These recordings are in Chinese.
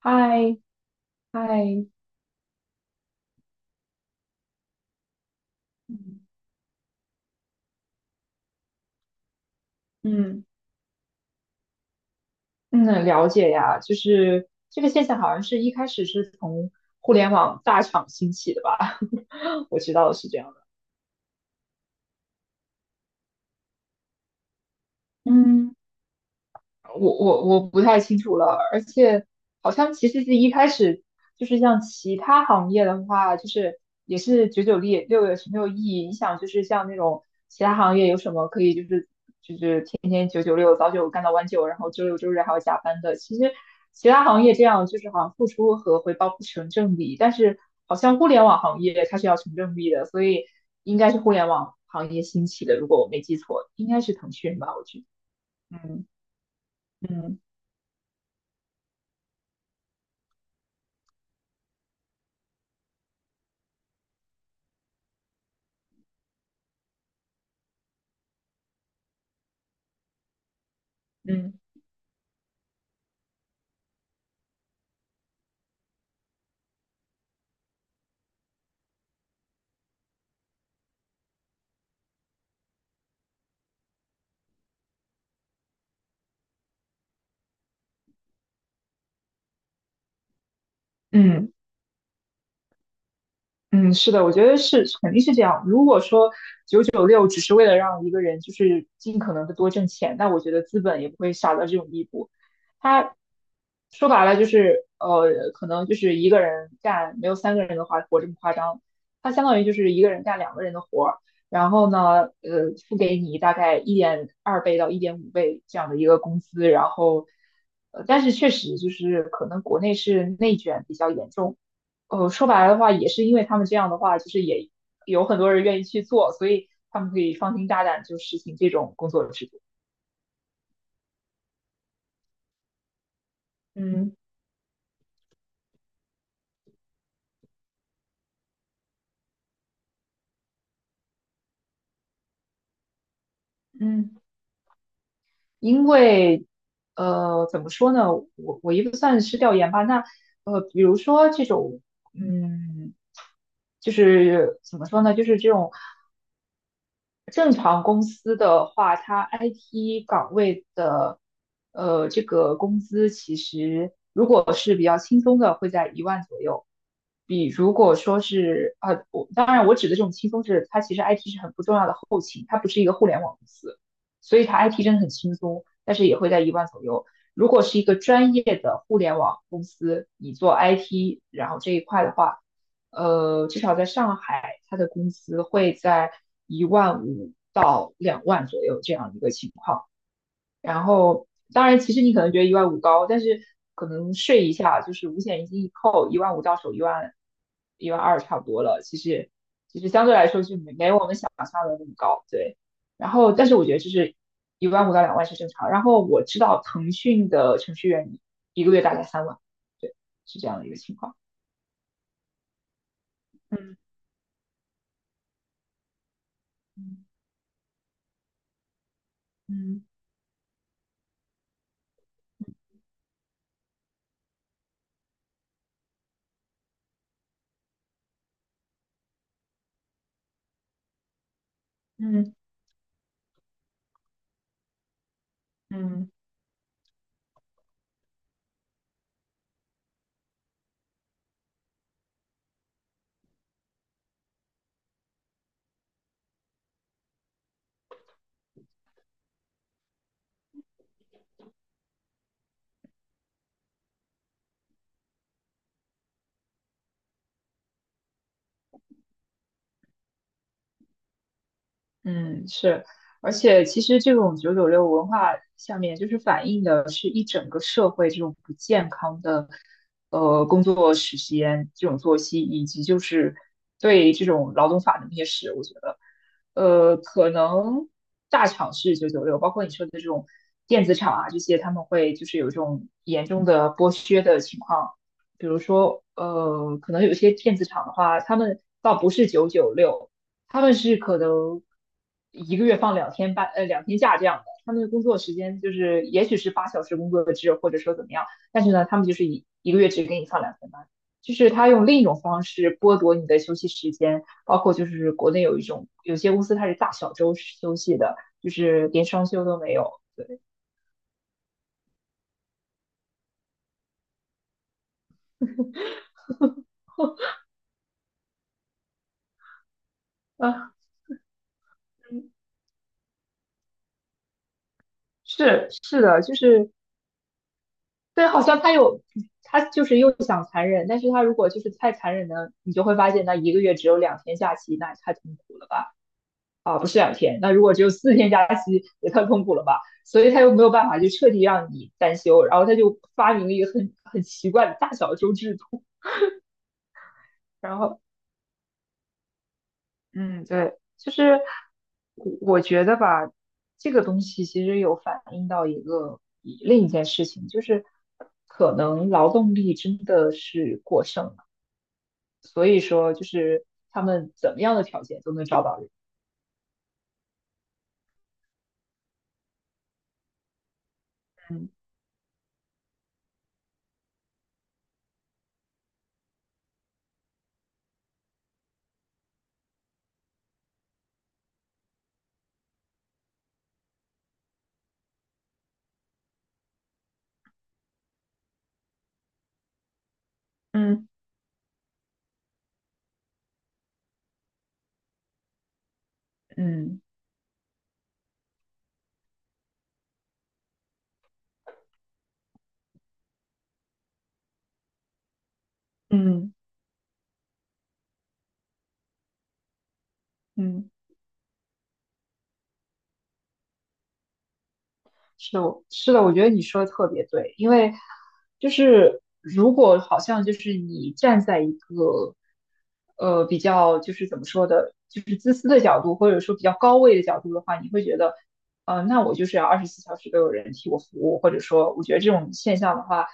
嗨嗨，嗯嗯，嗯，了解呀，就是这个现象好像是一开始是从互联网大厂兴起的吧，我知道是这样的。嗯，我不太清楚了，而且好像其实是一开始就是像其他行业的话，就是也是九九六六月是没有意义？你想就是像那种其他行业有什么可以就是天天九九六，早九干到晚九，然后周六周日还要加班的。其实其他行业这样就是好像付出和回报不成正比，但是好像互联网行业它是要成正比的，所以应该是互联网行业兴起的，如果我没记错，应该是腾讯吧，我觉得。嗯嗯嗯嗯。嗯，是的，我觉得是肯定是这样。如果说九九六只是为了让一个人就是尽可能的多挣钱，那我觉得资本也不会傻到这种地步。他说白了就是可能就是一个人干没有三个人的话活这么夸张。他相当于就是一个人干两个人的活儿，然后呢，付给你大概1.2倍到1.5倍这样的一个工资，然后但是确实就是可能国内是内卷比较严重。说白了的话，也是因为他们这样的话，就是也有很多人愿意去做，所以他们可以放心大胆就实行这种工作制度。嗯嗯，因为怎么说呢，我也不算是调研吧，那比如说这种，嗯，就是怎么说呢，就是这种。正常公司的话，它 IT 岗位的这个工资其实如果是比较轻松的，会在一万左右。比如果说是我当然我指的这种轻松是，它其实 IT 是很不重要的后勤，它不是一个互联网公司，所以它 IT 真的很轻松，但是也会在一万左右。如果是一个专业的互联网公司，你做 IT，然后这一块的话，至少在上海，他的工资会在一万五到两万左右这样一个情况。然后，当然，其实你可能觉得一万五高，但是可能税一下，就是五险一金一扣，一万五到手一万1万2差不多了。其实，其实相对来说就没我们想象的那么高，对。然后，但是我觉得就是一万五到两万是正常。然后我知道腾讯的程序员一个月大概3万，对，是这样的一个情况。嗯嗯嗯嗯，嗯嗯，是，而且其实这种九九六文化下面，就是反映的是一整个社会这种不健康的，工作时间、这种作息，以及就是对这种劳动法的蔑视。我觉得，可能大厂是九九六，包括你说的这种电子厂啊这些，他们会就是有这种严重的剥削的情况。比如说，可能有些电子厂的话，他们倒不是九九六。他们是可能一个月放两天半，两天假这样的。他们的工作时间就是，也许是8小时工作制，或者说怎么样，但是呢，他们就是一个月只给你放两天半，就是他用另一种方式剥夺你的休息时间，包括就是国内有一种有些公司它是大小周休息的，就是连双休都没有。对，啊，嗯是是的，就是对，好像他有，他就是又想残忍，但是他如果就是太残忍呢，你就会发现那一个月只有两天假期，那也太痛苦了吧？啊，不是两天，那如果只有4天假期，也太痛苦了吧？所以他又没有办法就彻底让你单休，然后他就发明了一个很奇怪的大小周制度，然后，嗯，对，就是我觉得吧，这个东西其实有反映到一个另一件事情，就是可能劳动力真的是过剩。所以说就是他们怎么样的条件都能找到人。嗯嗯嗯嗯嗯。是的，我觉得你说的特别对，因为就是如果好像就是你站在一个比较就是怎么说的，就是自私的角度，或者说比较高位的角度的话，你会觉得，那我就是要24小时都有人替我服务，或者说，我觉得这种现象的话，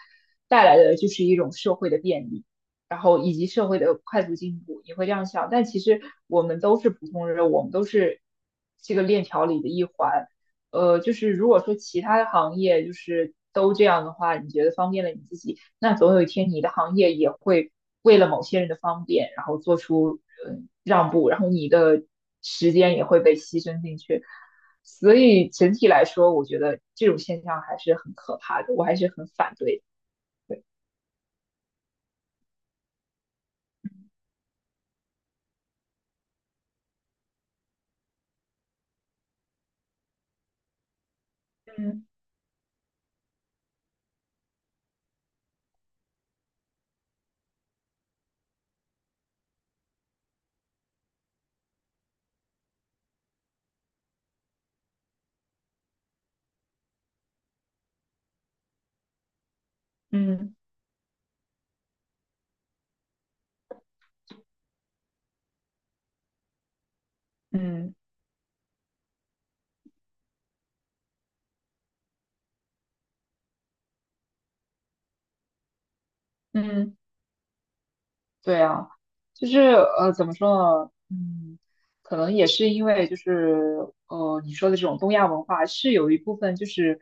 带来的就是一种社会的便利，然后以及社会的快速进步，你会这样想，但其实我们都是普通人，我们都是这个链条里的一环。就是如果说其他的行业就是都这样的话，你觉得方便了你自己，那总有一天你的行业也会为了某些人的方便，然后做出让步，然后你的时间也会被牺牲进去。所以整体来说，我觉得这种现象还是很可怕的，我还是很反对的。嗯嗯嗯嗯。对啊，就是怎么说呢？嗯，可能也是因为就是你说的这种东亚文化是有一部分就是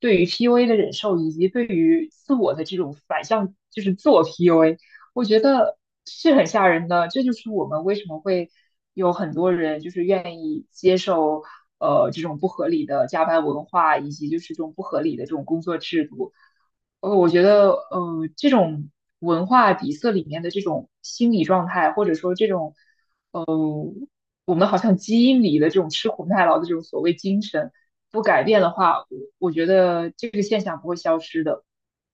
对于 PUA 的忍受，以及对于自我的这种反向，就是自我 PUA，我觉得是很吓人的。这就是我们为什么会有很多人就是愿意接受这种不合理的加班文化，以及就是这种不合理的这种工作制度。我觉得，这种文化底色里面的这种心理状态，或者说这种我们好像基因里的这种吃苦耐劳的这种所谓精神，不改变的话，我觉得这个现象不会消失的。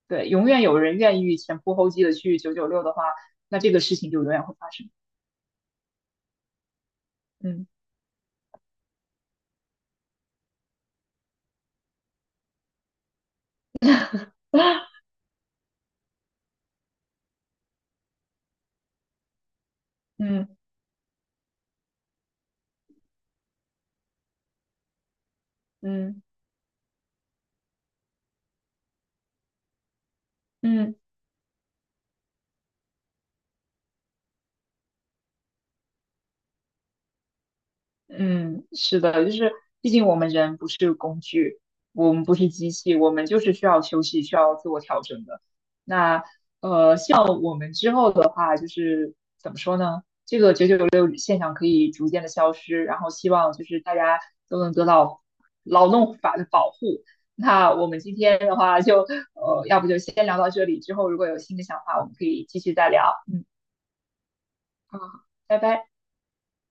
对，永远有人愿意前仆后继的去九九六的话，那这个事情就永远会发生。嗯嗯嗯嗯。嗯，是的，就是毕竟我们人不是工具，我们不是机器，我们就是需要休息，需要自我调整的。那像我们之后的话，就是怎么说呢？九六现象可以逐渐的消失，然后希望就是大家都能得到劳动法的保护。那我们今天的话就要不就先聊到这里，之后如果有新的想法，我们可以继续再聊。嗯，好，拜拜。